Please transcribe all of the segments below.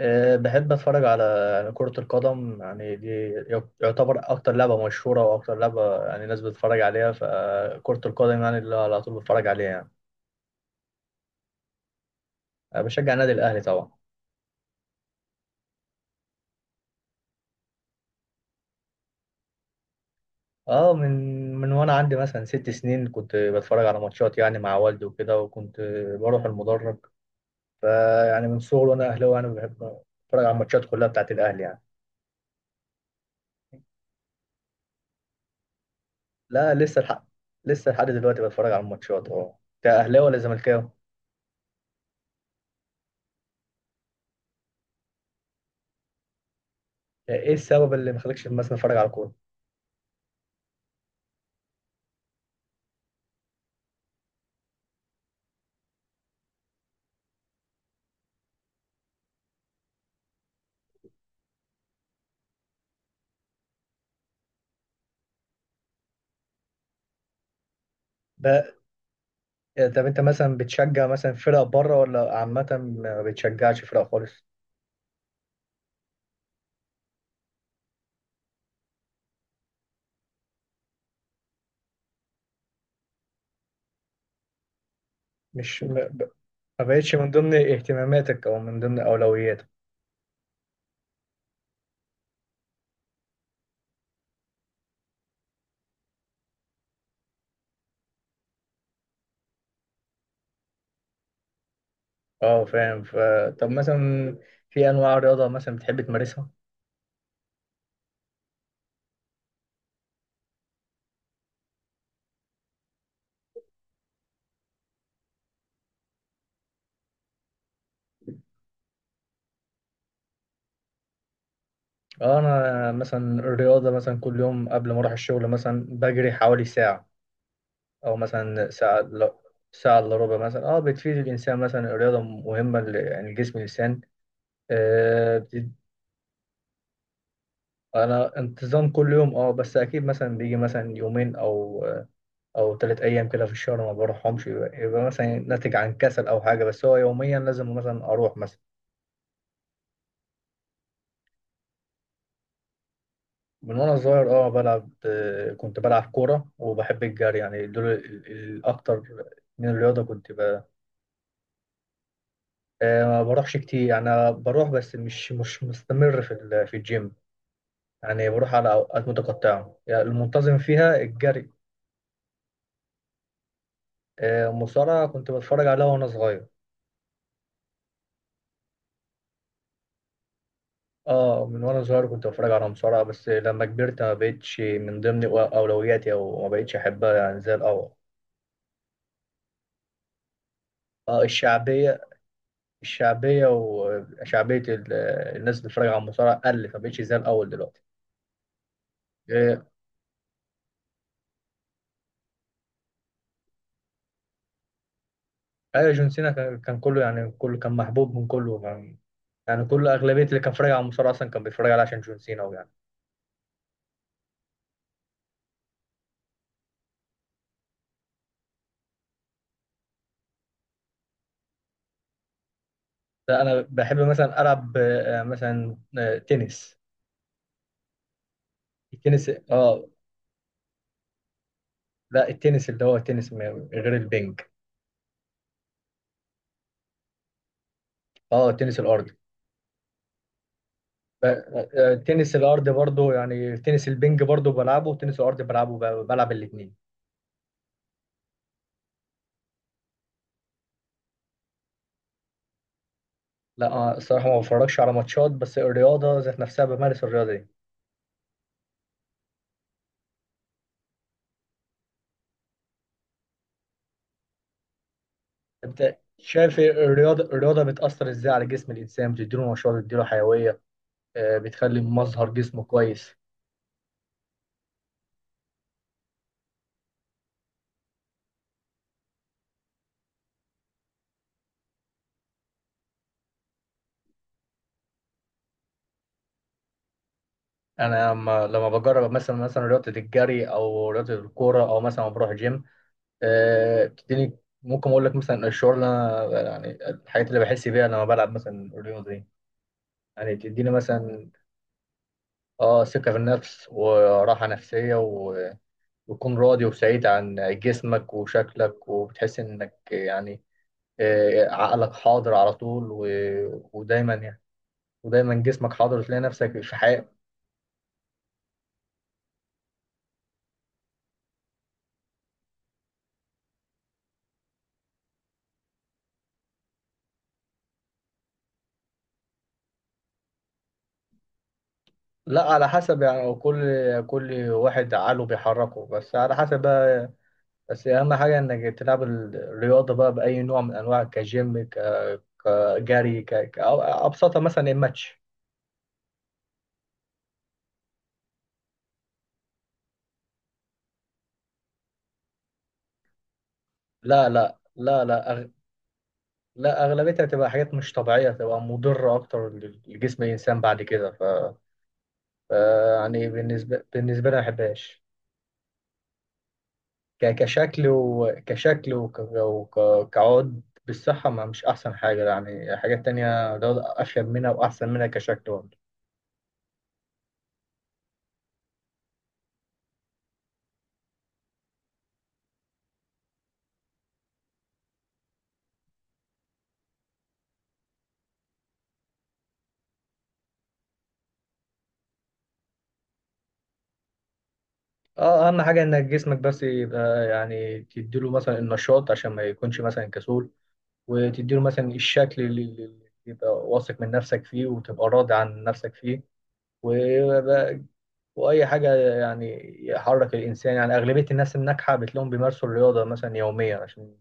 أه، بحب أتفرج على يعني كرة القدم. يعني دي يعتبر أكتر لعبة مشهورة وأكتر لعبة يعني الناس بتتفرج عليها. فكرة القدم يعني اللي على طول بتفرج عليها يعني. أنا بشجع النادي الأهلي طبعا. أه، من وأنا عندي مثلا 6 سنين كنت بتفرج على ماتشات يعني مع والدي وكده، وكنت بروح المدرج. فيعني من صغري وأنا أهلاوي يعني بحب أتفرج على الماتشات كلها بتاعت الأهلي يعني. لا لسه الحق، لسه لحد دلوقتي بتفرج على الماتشات. أه أنت أهلاوي ولا زملكاوي؟ إيه السبب اللي مخليكش مثلا أتفرج على الكورة؟ ده آه، طب انت مثلا بتشجع مثلا فرق بره ولا عامة، ما بتشجعش فرق خالص؟ مش ما ب- ما بقتش من ضمن اهتماماتك او من ضمن اولوياتك. اه فاهم، ف طب مثلا في انواع رياضة مثلا بتحب تمارسها؟ اه انا مثلا الرياضة مثلا كل يوم قبل ما اروح الشغل مثلا بجري حوالي ساعة، او مثلا ساعة، لا ساعة الا ربع مثلا. اه بتفيد الانسان مثلا، الرياضة مهمة ل- يعني الجسم والانسان. انا انتظام كل يوم اه، بس اكيد مثلا بيجي مثلا يومين او او 3 ايام كده في الشهر ما بروحهمش. يبقى مثلا ناتج عن كسل او حاجه، بس هو يوميا لازم مثلا اروح مثلا. من وانا صغير اه بلعب، آه، كنت بلعب كوره وبحب الجري. يعني دول ال- الاكتر من الرياضه كنت ب... آه، ما بروحش كتير يعني، أنا بروح بس مش مستمر في ال- في الجيم. يعني بروح على اوقات متقطعه، يعني المنتظم فيها الجري. آه، المصارعه كنت بتفرج عليها وانا صغير. اه من وانا صغير كنت بتفرج على مصارعة، بس لما كبرت ما بقتش من ضمن اولوياتي او ما بقتش احبها يعني زي الاول. اه الشعبية، الشعبية وشعبية ال- الناس اللي بتتفرج على المصارعة قلت، ما بقتش زي الاول دلوقتي. آه، ايوه جون سينا كان كله يعني، كله كان محبوب من كله يعني. يعني كل اغلبية اللي كان بيتفرج على المصارعة اصلا كان بيتفرج عليها عشان جون سينا ويعني. لا انا بحب مثلا العب آه، مثلا آه، تنس. التنس اه، لا التنس اللي هو التنس م- غير البنج. اه تنس الارض ب- آه، تنس الارض برضو يعني، تنس البنج برضو بلعبه وتنس الارض بلعبه ب- بلعب الاثنين. لا آه، الصراحه ما بتفرجش على ماتشات، بس الرياضه ذات نفسها بمارس الرياضه دي. انت شايف إيه؟ الرياضه، الرياضه بتاثر ازاي على جسم الانسان، بتديله نشاط، بتديله حيويه، آه، بتخلي مظهر جسمه كويس. انا لما بجرب مثلا رياضه الجري او رياضه الكوره او مثلا بروح جيم، آه، بتديني. ممكن اقول لك مثلا الشعور اللي انا يعني الحاجات اللي بحس بيها لما بلعب مثلا الرياضه دي، يعني تديني مثلا اه ثقة في النفس وراحة نفسية و- وتكون راضي وسعيد عن جسمك وشكلك، وبتحس انك يعني آه، عقلك حاضر على طول و- ودايما يعني ودايما جسمك حاضر وتلاقي نفسك في حياة. لا على حسب، يعني كل واحد عقله بيحركه، بس على حسب بقى. بس أهم حاجة إنك تلعب الرياضة بقى بأي نوع من أنواع، كجيم ك- كجري ك... ك- أو أبسطها مثلا الماتش. لا لا لا لا، لا اغلبيتها هتبقى حاجات مش طبيعيه، هتبقى مضره اكتر لجسم الانسان بعد كده ف... ف يعني بالنسبه لي ما بحبهاش. ك... كشكل وكشكل وك... وك... كعود بالصحه، ما مش احسن حاجه. يعني حاجات تانية ده افيد منها واحسن منها كشكل برضه. اه اهم حاجه انك جسمك بس يبقى، يعني تديله مثلا النشاط عشان ما يكونش مثلا كسول. وتديله مثلا الشكل اللي اللي- اللي يبقى واثق من نفسك فيه وتبقى راضي عن نفسك فيه. واي حاجه يعني يحرك الانسان. يعني اغلبيه الناس الناجحه بتلاقيهم بيمارسوا الرياضه مثلا يوميا عشان.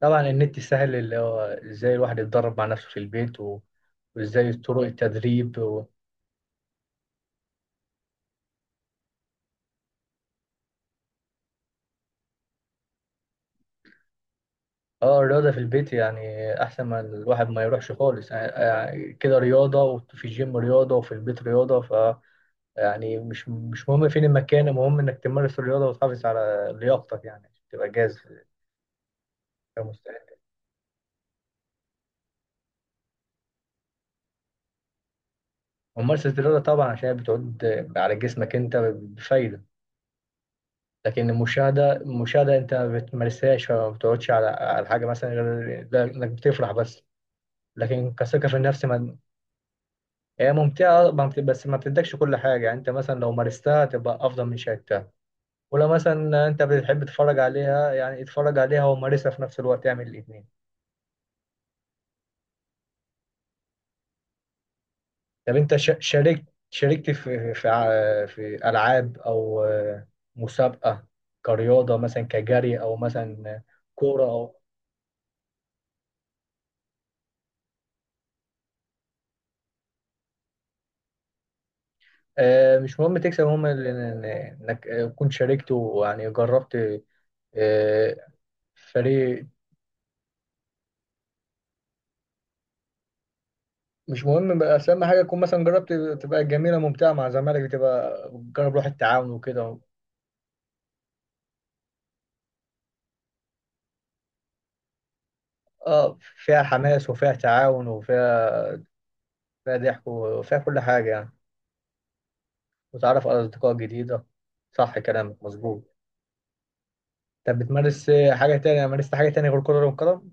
طبعا النت سهل اللي هو ازاي الواحد يتدرب مع نفسه في البيت و... وازاي طرق التدريب و... اه الرياضه في البيت يعني احسن ما الواحد ما يروحش خالص يعني. يعني كده رياضه وفي الجيم رياضه وفي البيت رياضه، ف يعني مش مهم فين المكان، المهم انك تمارس الرياضه وتحافظ على لياقتك يعني عشان تبقى جاهز كمستعد. وممارسه الرياضه طبعا عشان هي بتعود على جسمك انت بفايده. لكن المشاهدة أنت ما بتمارسهاش، فما بتقعدش على على حاجة مثلا غير ده إنك بتفرح بس. لكن كثقة في النفس، ما هي ممتعة ما بت- بس ما بتدكش كل حاجة. يعني أنت مثلا لو مارستها تبقى أفضل من شاهدتها. ولو مثلا أنت بتحب تتفرج عليها يعني اتفرج عليها ومارسها في نفس الوقت، اعمل الاتنين. طب أنت شاركت في ألعاب أو آه، مسابقة كرياضة مثلا كجري أو مثلا كورة أو. آه، مش مهم تكسب، المهم ال- إن- انك آه، كنت شاركت ويعني جربت، آه، فريق. مش مهم بقى، بس اهم حاجه تكون مثلا جربت. تبقى جميله ممتعه مع زمالك، بتبقى جرب روح التعاون وكده. اه فيها حماس وفيها تعاون وفيها، فيها ضحك وفيها كل حاجه يعني. وتعرف على اصدقاء جديده. صح، كلامك مظبوط. طب بتمارس آه، حاجه تانية؟ مارست حاجه تانية غير كره القدم؟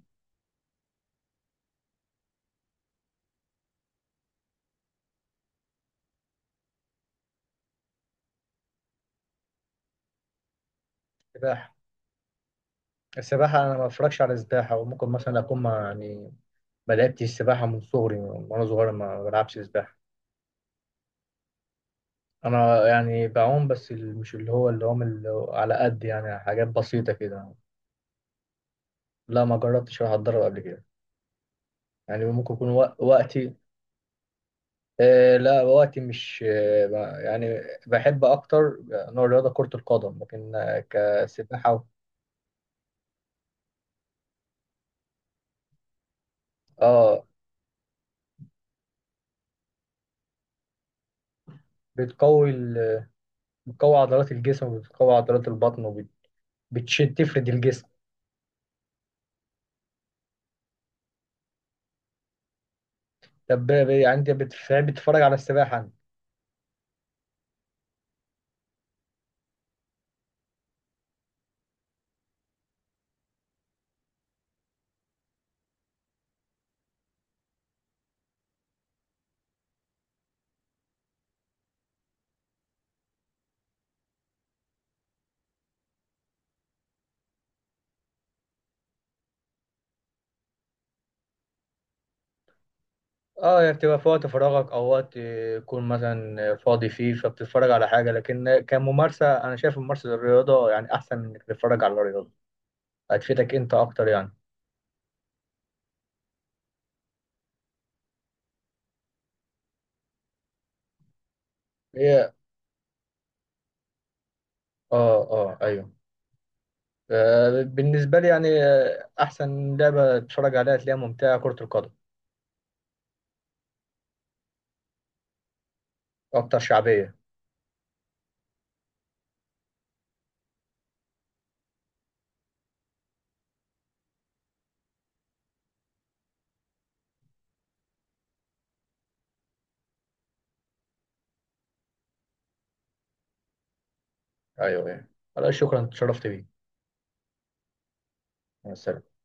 السباحه، السباحه انا ما بفرجش على السباحه، وممكن مثلا اكون مع- يعني بدأت السباحة من صغري. وأنا صغير ما بلعبش سباحة. أنا يعني بعوم بس ال- مش اللي هو اللي هم اللي على قد يعني، حاجات بسيطة كده. لا ما جربتش أروح أتدرب قبل كده. يعني ممكن يكون وقتي. آه لا، وقتي مش آه ب- يعني بحب أكتر نوع الرياضة كرة القدم، لكن آه، كسباحة آه، بتقوي ال- بتقوي عضلات الجسم وبتقوي عضلات البطن وبتشد تفرد الجسم. طب يعني أنت بتف- بتتفرج على السباحة أنت؟ اه يعني بتبقى في وقت فراغك او وقت يكون مثلا فاضي فيه، فبتتفرج على حاجه. لكن كممارسه انا شايف ممارسه الرياضه يعني احسن من انك تتفرج على الرياضه، هتفيدك انت اكتر يعني. هي اه، اه ايوه، آه، بالنسبه لي يعني آه، احسن لعبه تتفرج عليها تلاقيها ممتعه كره القدم، اكتر شعبيه. ايوه ايوه. خلاص، شكرا، اتشرفت بيك. مع السلامه.